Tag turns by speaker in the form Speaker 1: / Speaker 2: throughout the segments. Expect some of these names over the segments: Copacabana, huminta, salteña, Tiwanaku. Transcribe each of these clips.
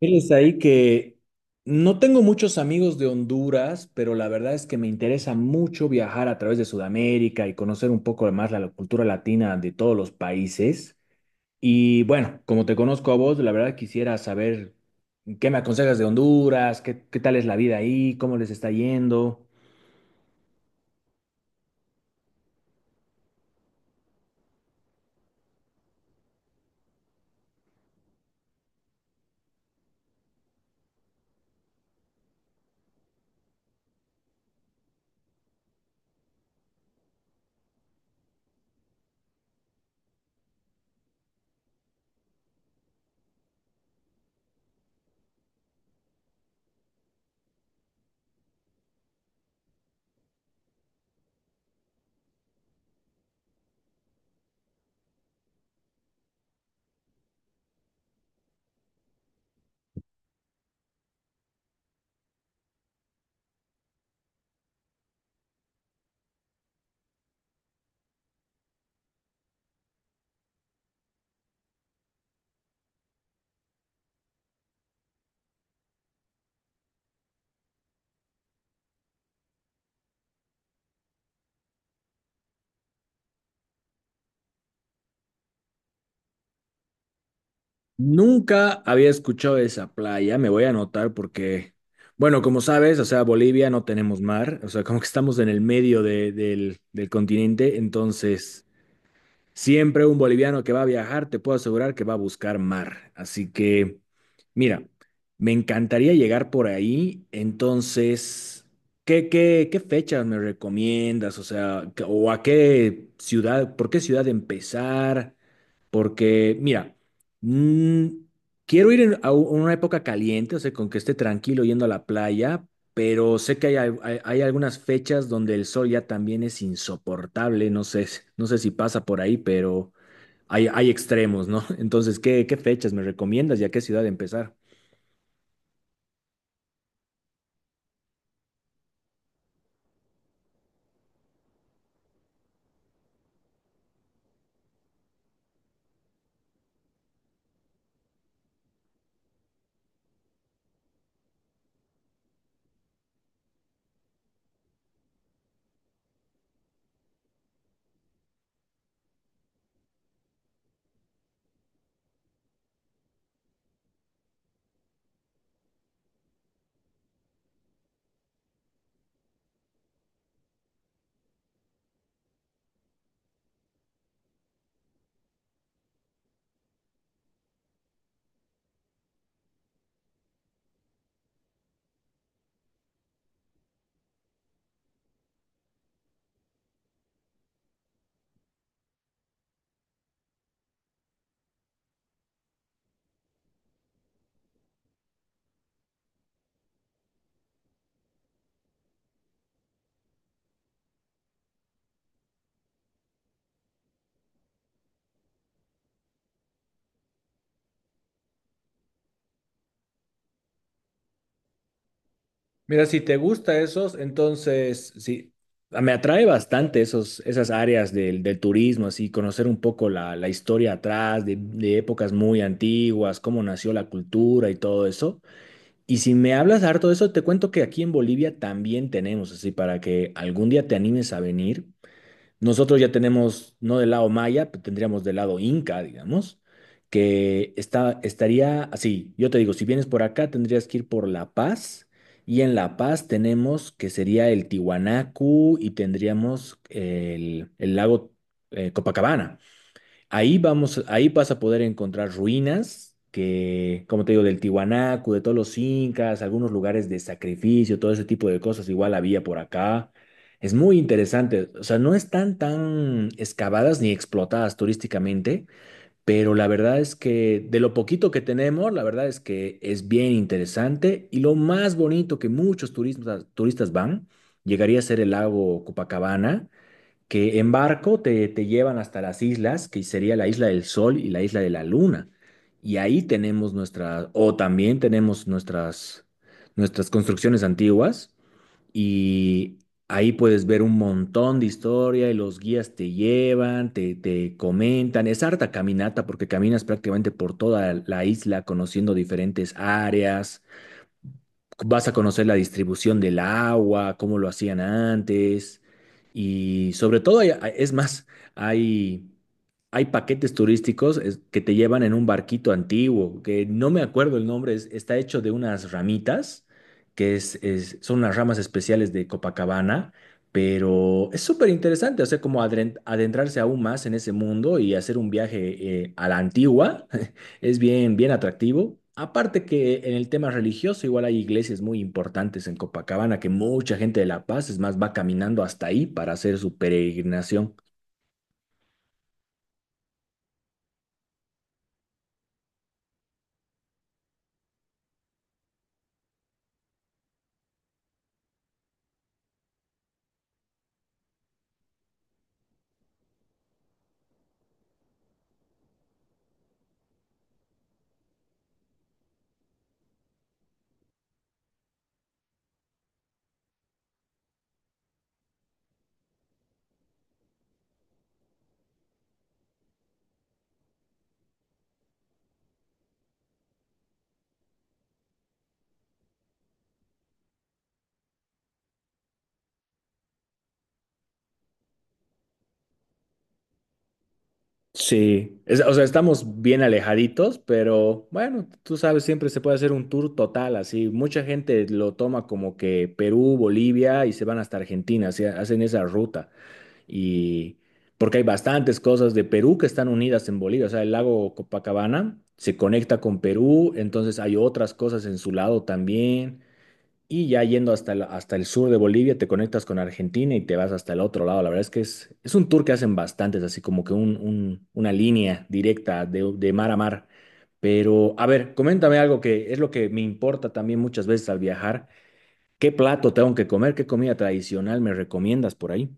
Speaker 1: Fíjense ahí que no tengo muchos amigos de Honduras, pero la verdad es que me interesa mucho viajar a través de Sudamérica y conocer un poco más la cultura latina de todos los países. Y bueno, como te conozco a vos, la verdad quisiera saber qué me aconsejas de Honduras, qué tal es la vida ahí, cómo les está yendo. Nunca había escuchado de esa playa, me voy a anotar porque, bueno, como sabes, o sea, Bolivia no tenemos mar, o sea, como que estamos en el del continente, entonces siempre un boliviano que va a viajar, te puedo asegurar que va a buscar mar. Así que, mira, me encantaría llegar por ahí, entonces, ¿qué fechas me recomiendas? O sea, ¿o a qué ciudad, por qué ciudad empezar? Porque, mira, mm, quiero ir a una época caliente, o sea, con que esté tranquilo yendo a la playa, pero sé que hay algunas fechas donde el sol ya también es insoportable, no sé, no sé si pasa por ahí, pero hay extremos, ¿no? Entonces, ¿qué fechas me recomiendas y a qué ciudad empezar? Mira, si te gusta esos, entonces sí, me atrae bastante esos, esas áreas del turismo, así, conocer un poco la historia atrás, de épocas muy antiguas, cómo nació la cultura y todo eso. Y si me hablas harto de eso, te cuento que aquí en Bolivia también tenemos, así, para que algún día te animes a venir. Nosotros ya tenemos, no del lado maya, pero tendríamos del lado inca, digamos, que está, estaría así. Yo te digo, si vienes por acá, tendrías que ir por La Paz. Y en La Paz tenemos que sería el Tiwanaku y tendríamos el lago Copacabana. Ahí vamos, ahí vas a poder encontrar ruinas que, como te digo, del Tiwanaku, de todos los incas, algunos lugares de sacrificio, todo ese tipo de cosas igual había por acá. Es muy interesante, o sea, no están tan excavadas ni explotadas turísticamente, pero la verdad es que de lo poquito que tenemos, la verdad es que es bien interesante y lo más bonito que muchos turistas, turistas van, llegaría a ser el lago Copacabana que en barco te llevan hasta las islas, que sería la isla del Sol y la isla de la Luna. Y ahí tenemos nuestras, o también tenemos nuestras, nuestras construcciones antiguas. Y ahí puedes ver un montón de historia y los guías te llevan, te comentan. Es harta caminata porque caminas prácticamente por toda la isla conociendo diferentes áreas, vas a conocer la distribución del agua, cómo lo hacían antes y sobre todo, es más, hay, hay paquetes turísticos que te llevan en un barquito antiguo, que no me acuerdo el nombre, está hecho de unas ramitas, que son unas ramas especiales de Copacabana. Pero es súper interesante, o sea, como adentrarse aún más en ese mundo y hacer un viaje a la antigua. Es bien, bien atractivo. Aparte que en el tema religioso, igual hay iglesias muy importantes en Copacabana que mucha gente de La Paz, es más, va caminando hasta ahí para hacer su peregrinación. Sí, o sea, estamos bien alejaditos, pero bueno, tú sabes, siempre se puede hacer un tour total, así. Mucha gente lo toma como que Perú, Bolivia y se van hasta Argentina, así, hacen esa ruta. Y porque hay bastantes cosas de Perú que están unidas en Bolivia. O sea, el lago Copacabana se conecta con Perú, entonces hay otras cosas en su lado también. Y ya yendo hasta el sur de Bolivia, te conectas con Argentina y te vas hasta el otro lado. La verdad es que es un tour que hacen bastantes, así como que una línea directa de mar a mar. Pero, a ver, coméntame algo que es lo que me importa también muchas veces al viajar. ¿Qué plato tengo que comer? ¿Qué comida tradicional me recomiendas por ahí?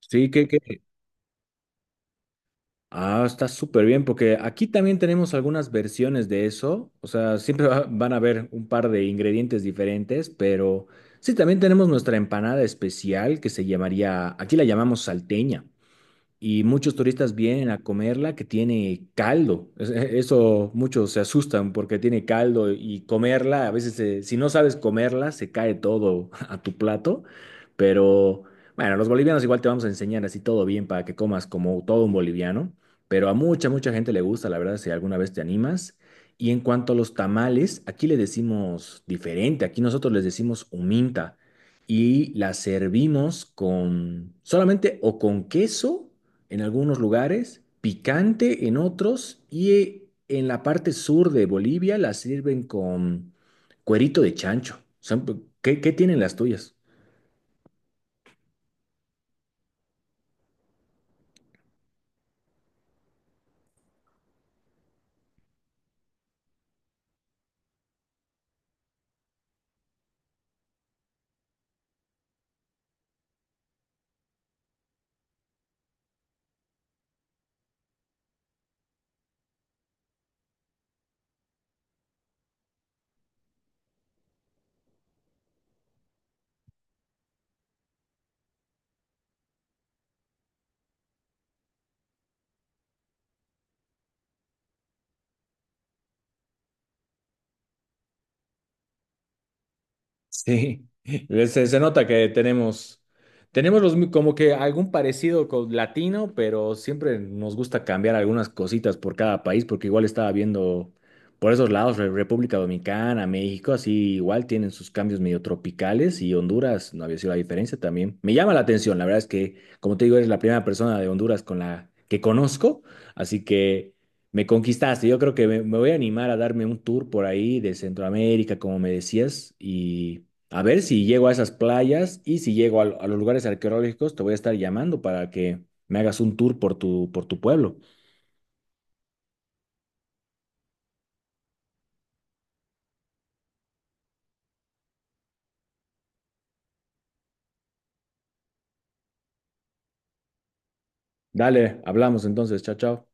Speaker 1: Sí, ¿qué? Ah, está súper bien, porque aquí también tenemos algunas versiones de eso. O sea, siempre van a haber un par de ingredientes diferentes, pero sí, también tenemos nuestra empanada especial que se llamaría, aquí la llamamos salteña, y muchos turistas vienen a comerla que tiene caldo. Eso muchos se asustan porque tiene caldo y comerla, a veces si no sabes comerla, se cae todo a tu plato, pero bueno, los bolivianos igual te vamos a enseñar así todo bien para que comas como todo un boliviano, pero a mucha gente le gusta, la verdad, si alguna vez te animas. Y en cuanto a los tamales, aquí le decimos diferente, aquí nosotros les decimos huminta y la servimos con solamente o con queso en algunos lugares, picante en otros y en la parte sur de Bolivia la sirven con cuerito de chancho. ¿Qué tienen las tuyas? Sí, se nota que tenemos los, como que algún parecido con latino, pero siempre nos gusta cambiar algunas cositas por cada país, porque igual estaba viendo por esos lados, República Dominicana, México, así igual tienen sus cambios medio tropicales y Honduras no había sido la diferencia también. Me llama la atención, la verdad es que, como te digo, eres la primera persona de Honduras con la que conozco, así que... Me conquistaste, yo creo que me voy a animar a darme un tour por ahí de Centroamérica, como me decías, a ver si llego a esas playas y si llego a, a los lugares arqueológicos, te voy a estar llamando para que me hagas un tour por por tu pueblo. Dale, hablamos entonces. Chao, chao.